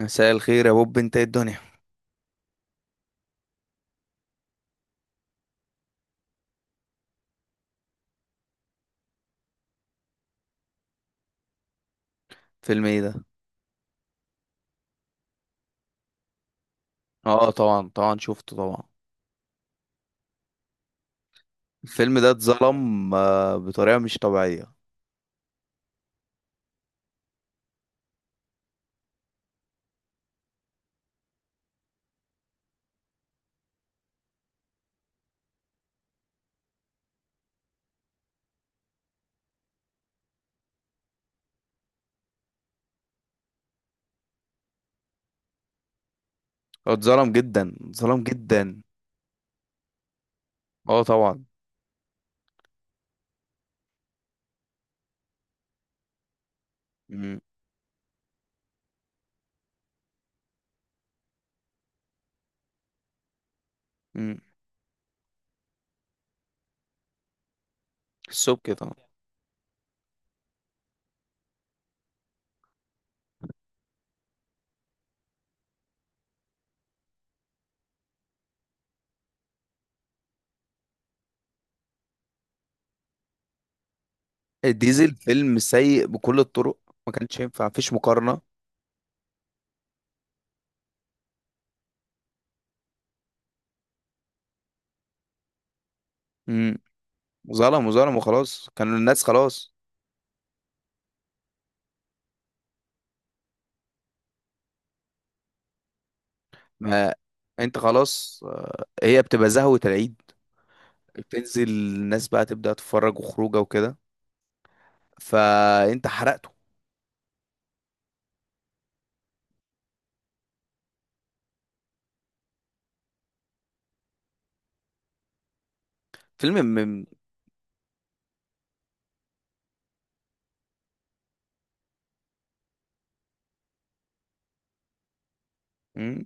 مساء الخير يا بوب، انت ايه الدنيا؟ فيلم ايه ده؟ اه طبعا طبعا، شفته طبعا. الفيلم ده اتظلم بطريقه مش طبيعيه. هو اتظلم جدا، اتظلم جدا. اه طبعا. امم امم السبكي طبعا. ديزل فيلم سيء بكل الطرق. ما كانش ينفع، مفيش مقارنه. امم ظلم وظلم وخلاص، كانوا الناس خلاص. ما انت خلاص، هي بتبقى زهوه العيد. بتنزل الناس بقى تبدا تتفرج وخروجه وكده، فانت حرقته. فيلم. مم.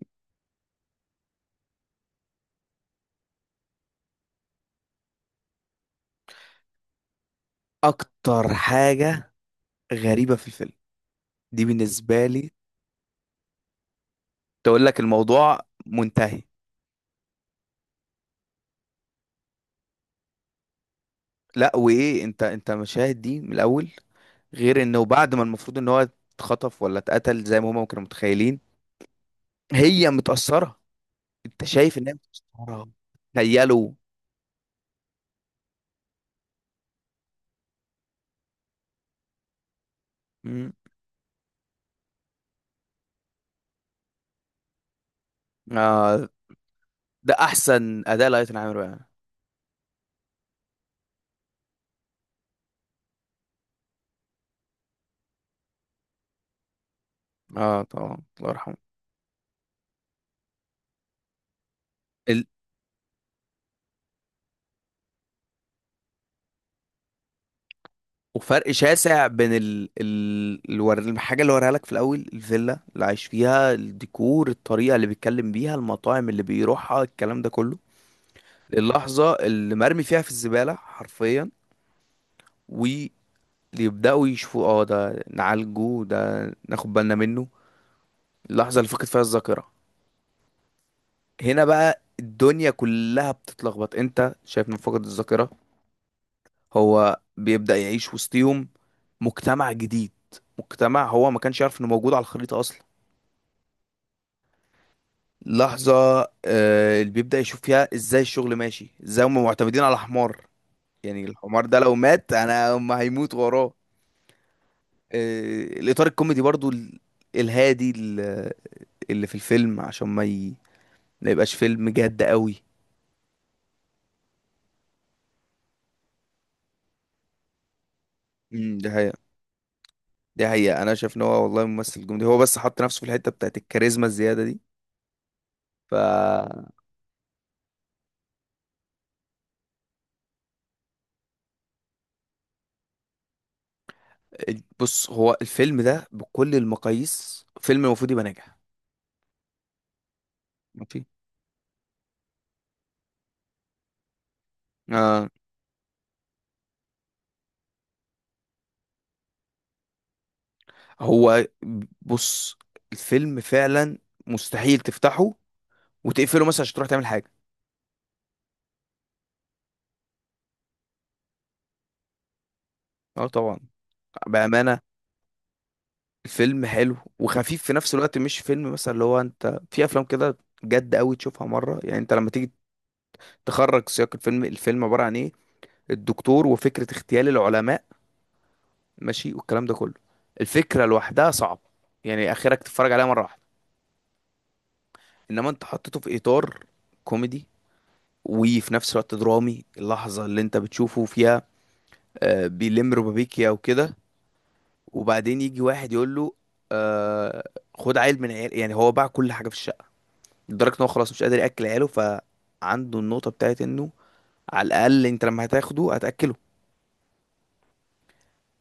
اكتر حاجة غريبة في الفيلم دي بالنسبة لي، تقول لك الموضوع منتهي. لا، وايه؟ انت مشاهد دي من الاول، غير انه بعد ما المفروض ان هو اتخطف ولا اتقتل زي ما هما كانوا متخيلين هي متأثرة. انت شايف ان هي متأثرة؟ تخيلوا. مم. آه ده احسن اداء لايتن عامر بقى. اه طبعا، الله يرحمه. وفرق شاسع بين الحاجة اللي وريها لك في الأول، الفيلا اللي عايش فيها، الديكور، الطريقة اللي بيتكلم بيها، المطاعم اللي بيروحها، الكلام ده كله. اللحظة اللي مرمي فيها في الزبالة حرفيا، ويبدأوا يشوفوا، اه، ده نعالجه، ده ناخد بالنا منه. اللحظة اللي فقد فيها الذاكرة، هنا بقى الدنيا كلها بتتلخبط. انت شايف من فقد الذاكرة هو بيبدأ يعيش وسطيهم، مجتمع جديد، مجتمع هو ما كانش يعرف انه موجود على الخريطة أصلا. لحظة اللي بيبدأ يشوف فيها ازاي الشغل ماشي، ازاي هم معتمدين على حمار. يعني الحمار ده لو مات، انا هم هيموت وراه. الإطار الكوميدي برضو، الهادي، اللي في الفيلم عشان ما يبقاش فيلم جد قوي. ده حقيقة. ده حقيقة، انا شايف ان هو والله ممثل جامد، هو بس حط نفسه في الحتة بتاعت الكاريزما الزيادة دي. ف بص، هو الفيلم ده بكل المقاييس فيلم المفروض يبقى ناجح. ماشي. آه، هو بص، الفيلم فعلا مستحيل تفتحه وتقفله مثلا عشان تروح تعمل حاجة. اه طبعا. بأمانة، الفيلم حلو وخفيف في نفس الوقت، مش فيلم مثلا اللي هو انت في افلام كده جد قوي تشوفها مرة. يعني انت لما تيجي تخرج سياق الفيلم، الفيلم عبارة عن ايه؟ الدكتور وفكرة اغتيال العلماء، ماشي، والكلام ده كله. الفكرة لوحدها صعب يعني اخرك تتفرج عليها مرة واحدة. انما انت حطيته في اطار كوميدي، وفي نفس الوقت درامي. اللحظة اللي انت بتشوفه فيها بيلم ربابيكيا وكده، وبعدين يجي واحد يقول له آه، خد عيل من عيال. يعني هو باع كل حاجه في الشقه، لدرجه ان هو خلاص مش قادر ياكل عياله، فعنده النقطه بتاعت انه على الاقل انت لما هتاخده هتاكله.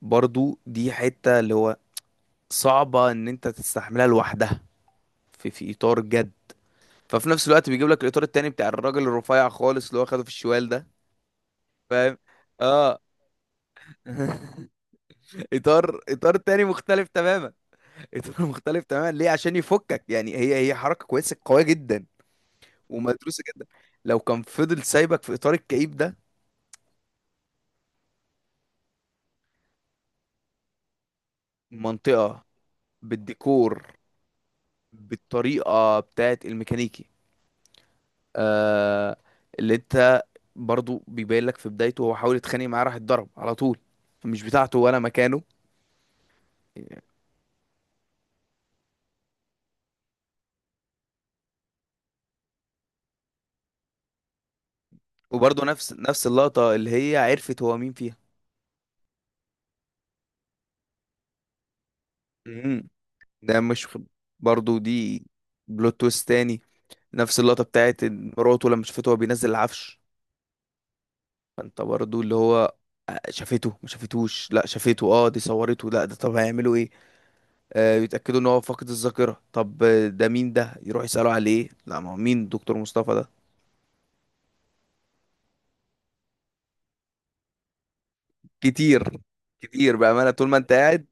برضو دي حته اللي هو صعبه ان انت تستحملها لوحدها في اطار جد. ففي نفس الوقت بيجيب لك الاطار التاني بتاع الراجل الرفيع خالص اللي هو خده في الشوال ده. فاهم، اه. اطار، اطار تاني مختلف تماما. اطار مختلف تماما، ليه؟ عشان يفكك، يعني هي حركه كويسه قويه جدا ومدروسه جدا. لو كان فضل سايبك في اطار الكئيب ده. منطقه، بالديكور، بالطريقه بتاعت الميكانيكي آه اللي انت برضو بيبين لك في بدايته هو حاول يتخانق معاه، راح اتضرب على طول، مش بتاعته ولا مكانه. وبرضو نفس اللقطه اللي هي عرفت هو مين فيها. مم. ده مش برضو دي بلوت تويست تاني، نفس اللقطه بتاعت إن مراته لما شافته هو بينزل العفش. فانت برضو اللي هو شافته ما شافتوش، لا شافته، اه دي صورته، لا ده، طب هيعملوا ايه؟ يتاكدوا ان هو فاقد الذاكره، طب ده مين؟ ده يروح يسالوا عليه، لا ما هو مين، دكتور مصطفى ده. كتير، كتير بامانه طول ما انت قاعد.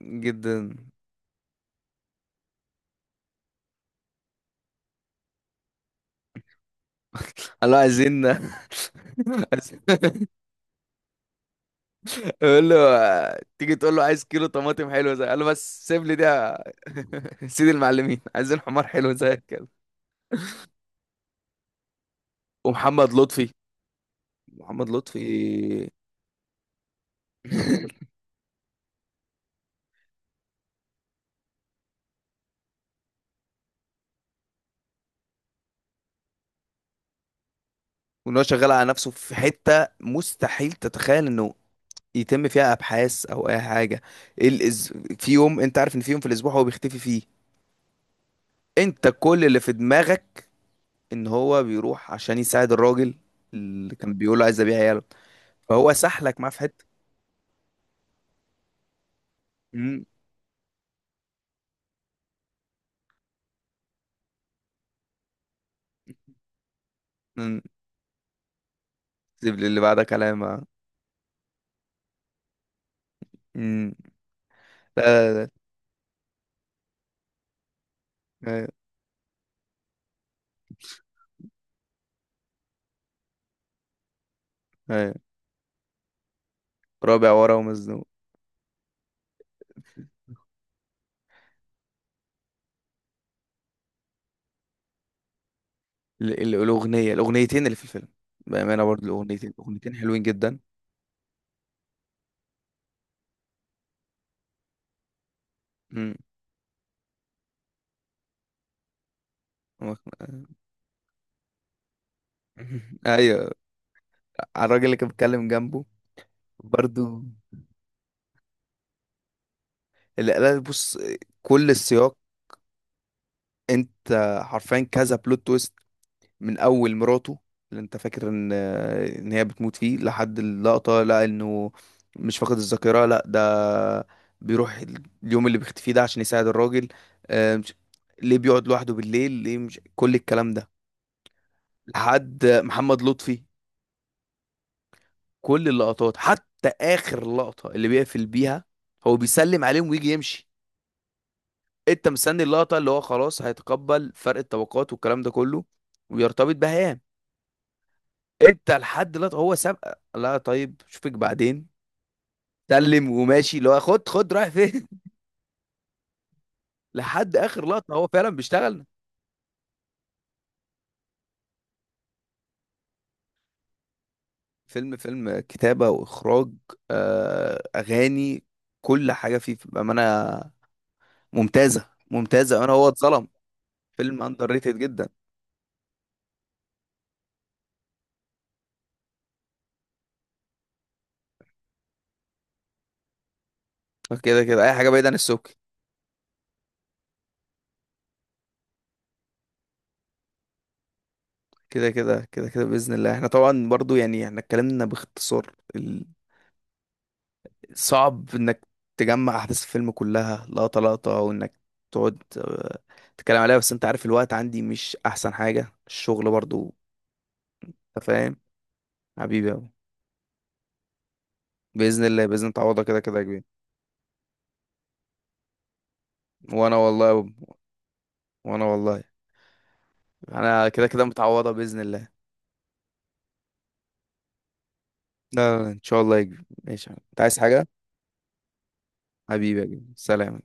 جدا. الله، عايزين. عايزين- يقول له تيجي تقول له عايز كيلو طماطم حلو زي، قال له بس سيب لي ده. سيد المعلمين، عايزين حمار حلو زي كده. ومحمد لطفي، محمد لطفي. وان هو شغال على نفسه في حتة مستحيل تتخيل انه يتم فيها ابحاث او اي حاجة. ال- إز- في يوم، انت عارف ان في يوم في الاسبوع هو بيختفي فيه. انت كل اللي في دماغك ان هو بيروح عشان يساعد الراجل اللي كان بيقول له عايز ابيع عياله. فهو سحلك معاه في حتة. مم. مم. سيب لي اللي بعدها كلام مم. لا لا لا. أيوة، أيوة. رابع ورا ومزنوق. ال- ال- الأغنية الأغنيتين اللي في الفيلم، بأمانة برضه، الأغنيتين، الأغنيتين حلوين جدا. مم. ايوه، على الراجل اللي كان بيتكلم جنبه. برضو اللي قال بص، كل السياق. انت حرفيا كذا بلوت تويست. من اول مراته اللي انت فاكر ان هي بتموت فيه، لحد اللقطة لا انه مش فاقد الذاكرة، لا ده بيروح اليوم اللي بيختفي ده عشان يساعد الراجل. آه، مش- ليه بيقعد لوحده بالليل؟ ليه؟ مش كل الكلام ده. لحد محمد لطفي، كل اللقطات حتى اخر لقطة اللي بيقفل بيها هو بيسلم عليهم ويجي يمشي. انت مستني اللقطه اللي هو خلاص هيتقبل فرق الطبقات والكلام ده كله ويرتبط بهيام. انت لحد دلوقتي هو سابقه، لا طيب اشوفك بعدين، سلم وماشي، اللي هو خد خد رايح فين؟ لحد اخر لقطه هو فعلا بيشتغل. فيلم، فيلم كتابه واخراج، اغاني، كل حاجه فيه بامانه ممتازه، ممتازه. انا هو اتظلم، فيلم اندر ريتد جدا. كده كده اي حاجه بعيده عن السوق. كده كده كده كده باذن الله. احنا طبعا برضو يعني احنا اتكلمنا باختصار، صعب انك تجمع احداث الفيلم كلها لقطة لقطة، وانك تقعد تتكلم عليها، بس انت عارف الوقت عندي مش احسن حاجة، الشغل برضو، انت فاهم. حبيبي أبو. بإذن الله تعوضها كده كده يا كبير. وانا والله يا بابا، وانا والله انا كده كده متعوضة بإذن الله. لا لا لا، ان شاء الله يا كبير، ماشي يا عم. انت عايز حاجة؟ حبيبي يا كبير، سلام.